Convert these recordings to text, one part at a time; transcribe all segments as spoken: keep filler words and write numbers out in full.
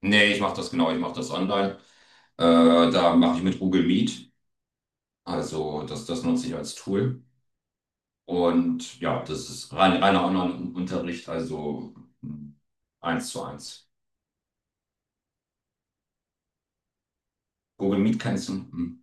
Nee, ich mache das, genau, ich mache das online. Äh, Da mache ich mit Google Meet. Also das, das nutze ich als Tool. Und ja, das ist rein, reiner Online-Unterricht, also mh, eins zu eins. Google Meet kennst du? Hm.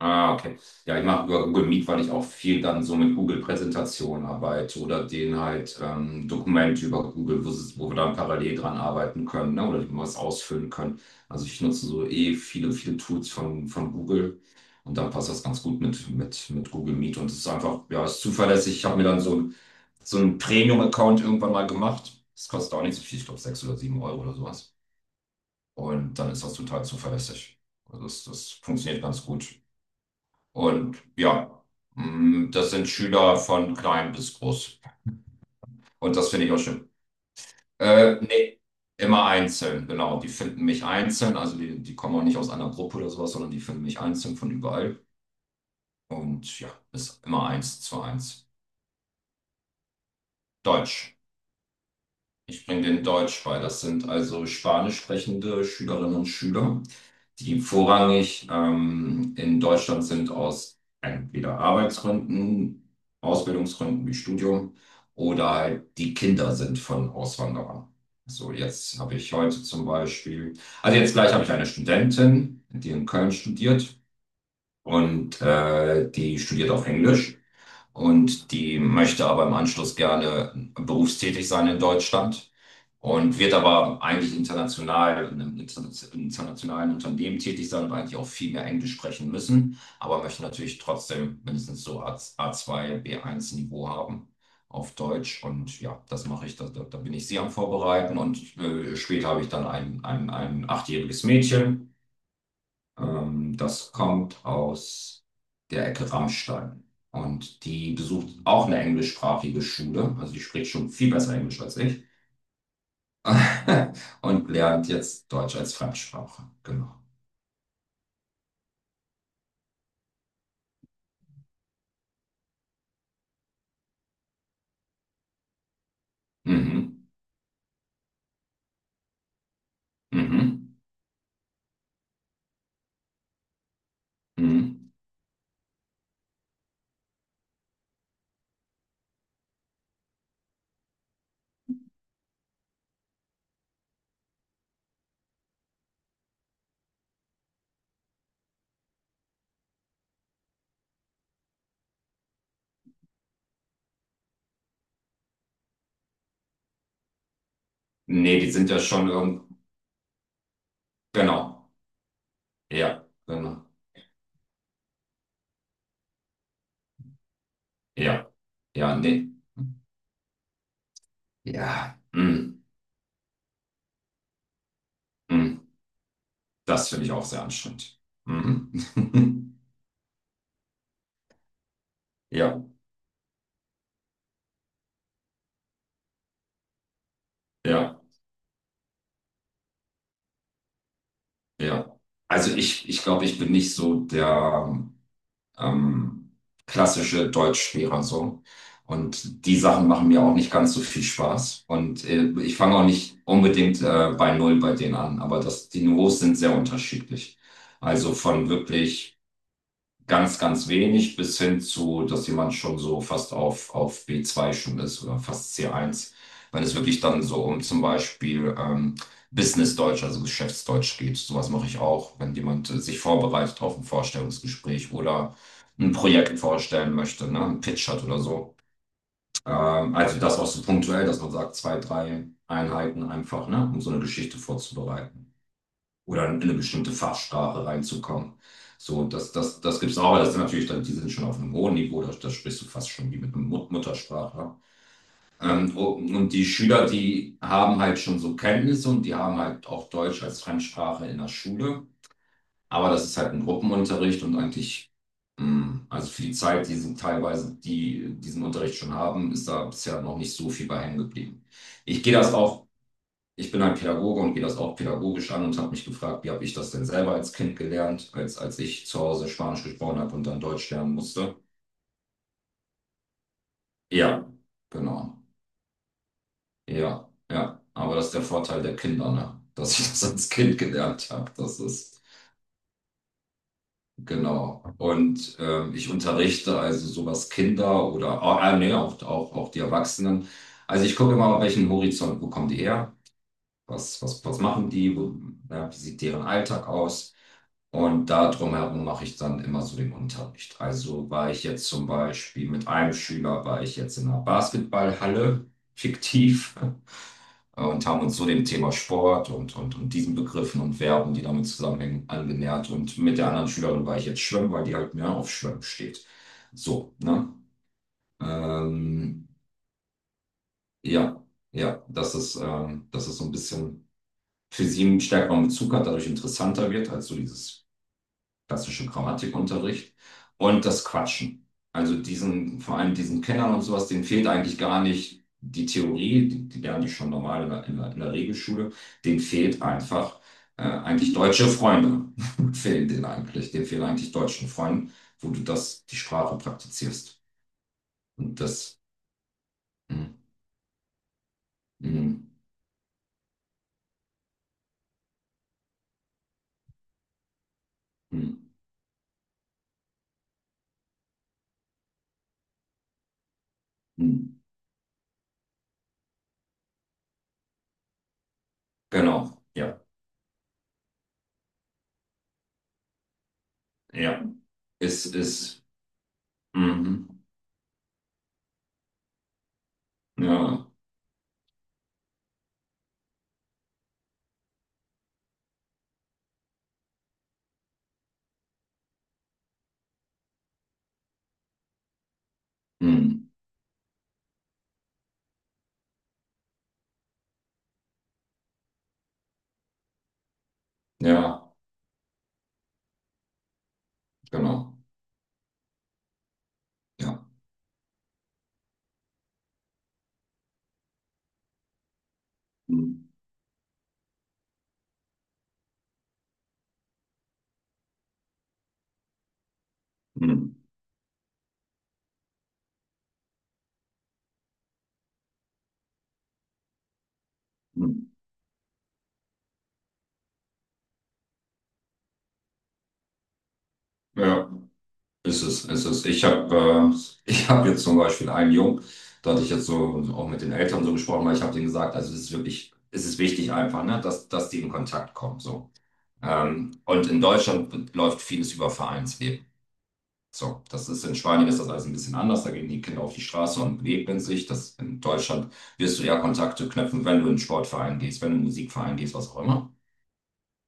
Ah, okay. Ja, ich mache über Google Meet, weil ich auch viel dann so mit Google-Präsentationen arbeite oder denen halt ähm, Dokumente über Google, wo, sie- wo wir dann parallel dran arbeiten können, ne? Oder die wir was ausfüllen können. Also ich nutze so eh viele, viele Tools von, von Google und dann passt das ganz gut mit, mit, mit Google Meet, und es ist einfach, ja, es ist zuverlässig. Ich habe mir dann so ein- so einen Premium-Account irgendwann mal gemacht. Das kostet auch nicht so viel, ich glaube sechs oder sieben Euro oder sowas. Und dann ist das total zuverlässig. Also das, das funktioniert ganz gut. Und ja, mm, das sind Schüler von klein bis groß. Und das finde ich auch schön. Äh, nee, immer einzeln, genau. Die finden mich einzeln, also die, die kommen auch nicht aus einer Gruppe oder sowas, sondern die finden mich einzeln von überall. Und ja, ist immer eins zu eins. Deutsch. Ich bringe den Deutsch bei. Das sind also spanisch sprechende Schülerinnen und Schüler, die vorrangig ähm, in Deutschland sind aus entweder Arbeitsgründen, Ausbildungsgründen wie Studium oder halt die Kinder sind von Auswanderern. So, jetzt habe ich heute zum Beispiel, also jetzt gleich habe ich eine Studentin, die in Köln studiert und äh, die studiert auf Englisch, und die möchte aber im Anschluss gerne berufstätig sein in Deutschland und wird aber eigentlich international in einem interna- internationalen Unternehmen tätig sein und eigentlich auch viel mehr Englisch sprechen müssen, aber möchte natürlich trotzdem mindestens so A- A2, B eins Niveau haben auf Deutsch. Und ja, das mache ich, da, da da bin ich sie am Vorbereiten, und äh, später habe ich dann ein, ein, ein achtjähriges Mädchen, ähm, das kommt aus der Ecke Rammstein. Und die besucht auch eine englischsprachige Schule. Also die spricht schon viel besser Englisch als ich. Und lernt jetzt Deutsch als Fremdsprache. Genau. Mhm. Mhm. Mhm. Nee, die sind ja schon irgend... Genau. Ja, genau. Ja, ja, nee. Ja. Mhm. Mhm. Das finde ich auch sehr anstrengend. Mhm. Ja, ja, ja. Also ich, ich glaube, ich bin nicht so der ähm, klassische Deutschlehrer so. Und die Sachen machen mir auch nicht ganz so viel Spaß. Und äh, ich fange auch nicht unbedingt äh, bei Null bei denen an, aber das, die Niveaus sind sehr unterschiedlich. Also von wirklich ganz, ganz wenig bis hin zu, dass jemand schon so fast auf, auf B zwei schon ist oder fast C eins, wenn es wirklich dann so um zum Beispiel ähm, Business-Deutsch, also Geschäftsdeutsch geht. Sowas mache ich auch, wenn jemand äh, sich vorbereitet auf ein Vorstellungsgespräch oder ein Projekt vorstellen möchte, ne, ein Pitch hat oder so. Ähm, also das auch so punktuell, dass man sagt, zwei, drei Einheiten einfach, ne, um so eine Geschichte vorzubereiten oder in eine bestimmte Fachsprache reinzukommen. So, das, das, das gibt es auch, aber das sind natürlich dann, die sind schon auf einem hohen Niveau, da, da sprichst du fast schon wie mit einem Mut Muttersprachler. Ähm, und und die Schüler, die haben halt schon so Kenntnisse und die haben halt auch Deutsch als Fremdsprache in der Schule, aber das ist halt ein Gruppenunterricht, und eigentlich, mh, also für die Zeit, die sie teilweise die diesen Unterricht schon haben, ist da bisher noch nicht so viel bei hängen geblieben. Ich gehe das auch, ich bin halt Pädagoge und gehe das auch pädagogisch an und habe mich gefragt, wie habe ich das denn selber als Kind gelernt, als, als ich zu Hause Spanisch gesprochen habe und dann Deutsch lernen musste. Ja, genau. Ja, ja. Aber das ist der Vorteil der Kinder, ne? Dass ich das als Kind gelernt habe. Das ist, genau. Und ähm, ich unterrichte also sowas Kinder oder, ah, äh, nee, auch, auch, auch die Erwachsenen. Also ich gucke immer, auf welchen Horizont, wo kommen die her? Was, was, was machen die, wo, ja, wie sieht deren Alltag aus? Und da drumherum mache ich dann immer so den Unterricht. Also war ich jetzt zum Beispiel mit einem Schüler, war ich jetzt in einer Basketballhalle, fiktiv, und haben uns so dem Thema Sport und, und, und diesen Begriffen und Verben, die damit zusammenhängen, angenähert. Und mit der anderen Schülerin war ich jetzt schwimmen, weil die halt mehr auf Schwimmen steht. So, ne? Ähm, ja, ja, das ist, ähm, das ist so ein bisschen für sie einen stärkeren Bezug hat, dadurch interessanter wird als so dieses klassische Grammatikunterricht. Und das Quatschen. Also diesen, vor allem diesen Kennern und sowas, denen fehlt eigentlich gar nicht die Theorie, die, die lernen die schon normal in der, in der, in der Regelschule, denen fehlt einfach äh, eigentlich deutsche Freunde. Fehlen denen eigentlich, denen fehlen eigentlich deutschen Freunden, wo du das, die Sprache praktizierst. Und das, mm, mm, mm, mm. genau, ja, ja, es ist, mhm, ja, mm. Ja, genau. Ja. Hm, hm, hm. Ja, ist es, ist es. Ich habe äh, ich hab jetzt zum Beispiel einen Jungen, da hatte ich jetzt so auch mit den Eltern so gesprochen, weil ich habe denen gesagt, also es ist wirklich, es ist wichtig einfach, ne, dass, dass die in Kontakt kommen. So. Ähm, und in Deutschland läuft vieles über Vereinsleben. So, das ist in Spanien ist das alles ein bisschen anders. Da gehen die Kinder auf die Straße und begegnen sich. Das in Deutschland wirst du eher Kontakte knüpfen, wenn du in einen Sportverein gehst, wenn du in einen Musikverein gehst, was auch immer.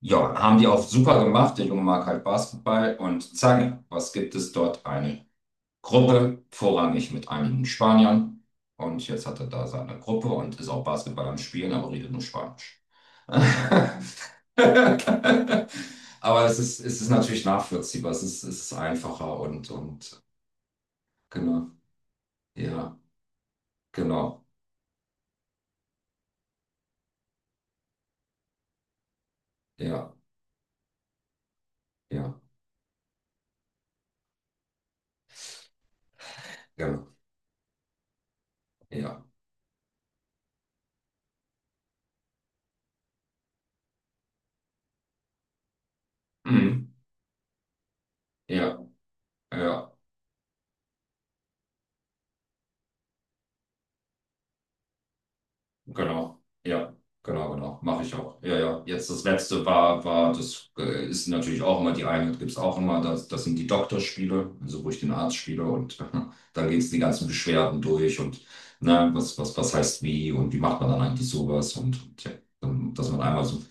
Ja, haben die auch super gemacht. Der Junge mag halt Basketball und zack, was gibt es dort? Eine Gruppe, vorrangig mit einigen Spaniern. Und jetzt hat er da seine Gruppe und ist auch Basketball am Spielen, aber redet nur Spanisch. Aber es ist, es ist natürlich nachvollziehbar, es ist, es ist einfacher, und, und genau, ja, genau, ja, ja, genau, ja, mhm, ja, ja. Genau, ja, genau, genau, mache ich auch. Ja, ja, jetzt das letzte war, war das äh, ist natürlich auch immer die Einheit, gibt es auch immer, das, das sind die Doktorspiele, also wo ich den Arzt spiele, und dann geht's die ganzen Beschwerden durch und, ne, was, was, was heißt wie und wie macht man dann eigentlich sowas, und, und ja, dann- dass man einmal so,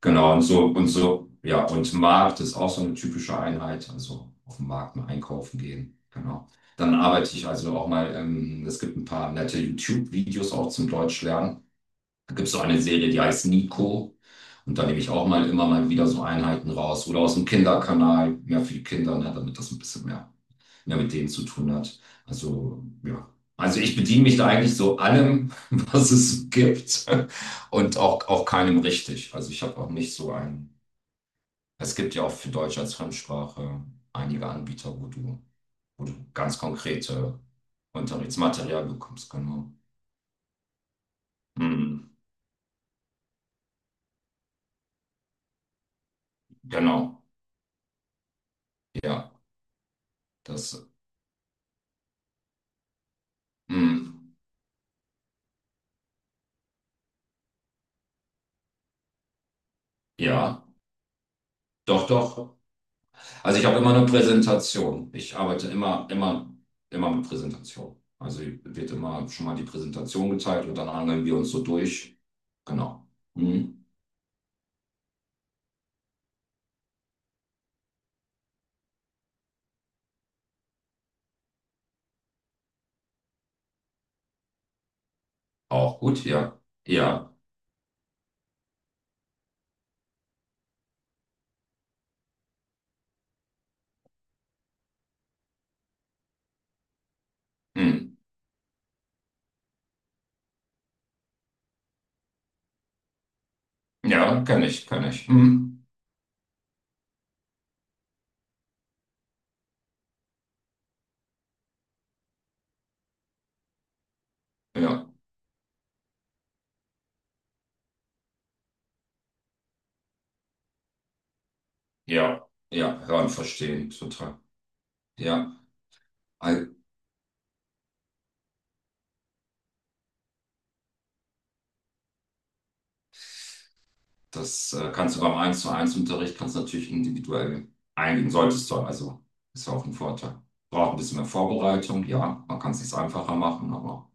genau, und so, und so, ja, und Markt ist auch so eine typische Einheit, also auf dem Markt mal einkaufen gehen. Genau. Dann arbeite ich also auch mal, ähm, es gibt ein paar nette YouTube-Videos auch zum Deutsch lernen. Da gibt es auch eine Serie, die heißt Nico. Und da nehme ich auch mal immer mal wieder so Einheiten raus. Oder aus dem Kinderkanal, mehr für die Kinder, ne, damit das ein bisschen mehr, mehr mit denen zu tun hat. Also, ja. Also ich bediene mich da eigentlich so allem, was es gibt. Und auch, auch keinem richtig. Also ich habe auch nicht so ein. Es gibt ja auch für Deutsch als Fremdsprache einige Anbieter, wo du, wo du ganz konkrete Unterrichtsmaterial bekommst, genau. Hm, genau. Ja, das. Hm. Ja, doch, doch. Also ich habe immer eine Präsentation. Ich arbeite immer, immer, immer mit Präsentation. Also wird immer schon mal die Präsentation geteilt und dann hangeln wir uns so durch. Genau. Hm. Auch gut, ja. Ja. Hm. Ja, kann ich, kann ich. Hm. Ja, ja, ja, hören, verstehen, total. Ja. Das äh, kannst du beim eins zu eins Unterricht kannst du natürlich individuell eingehen, solltest du. Also ist ja auch ein Vorteil. Braucht ein bisschen mehr Vorbereitung, ja, man kann es sich einfacher machen, aber.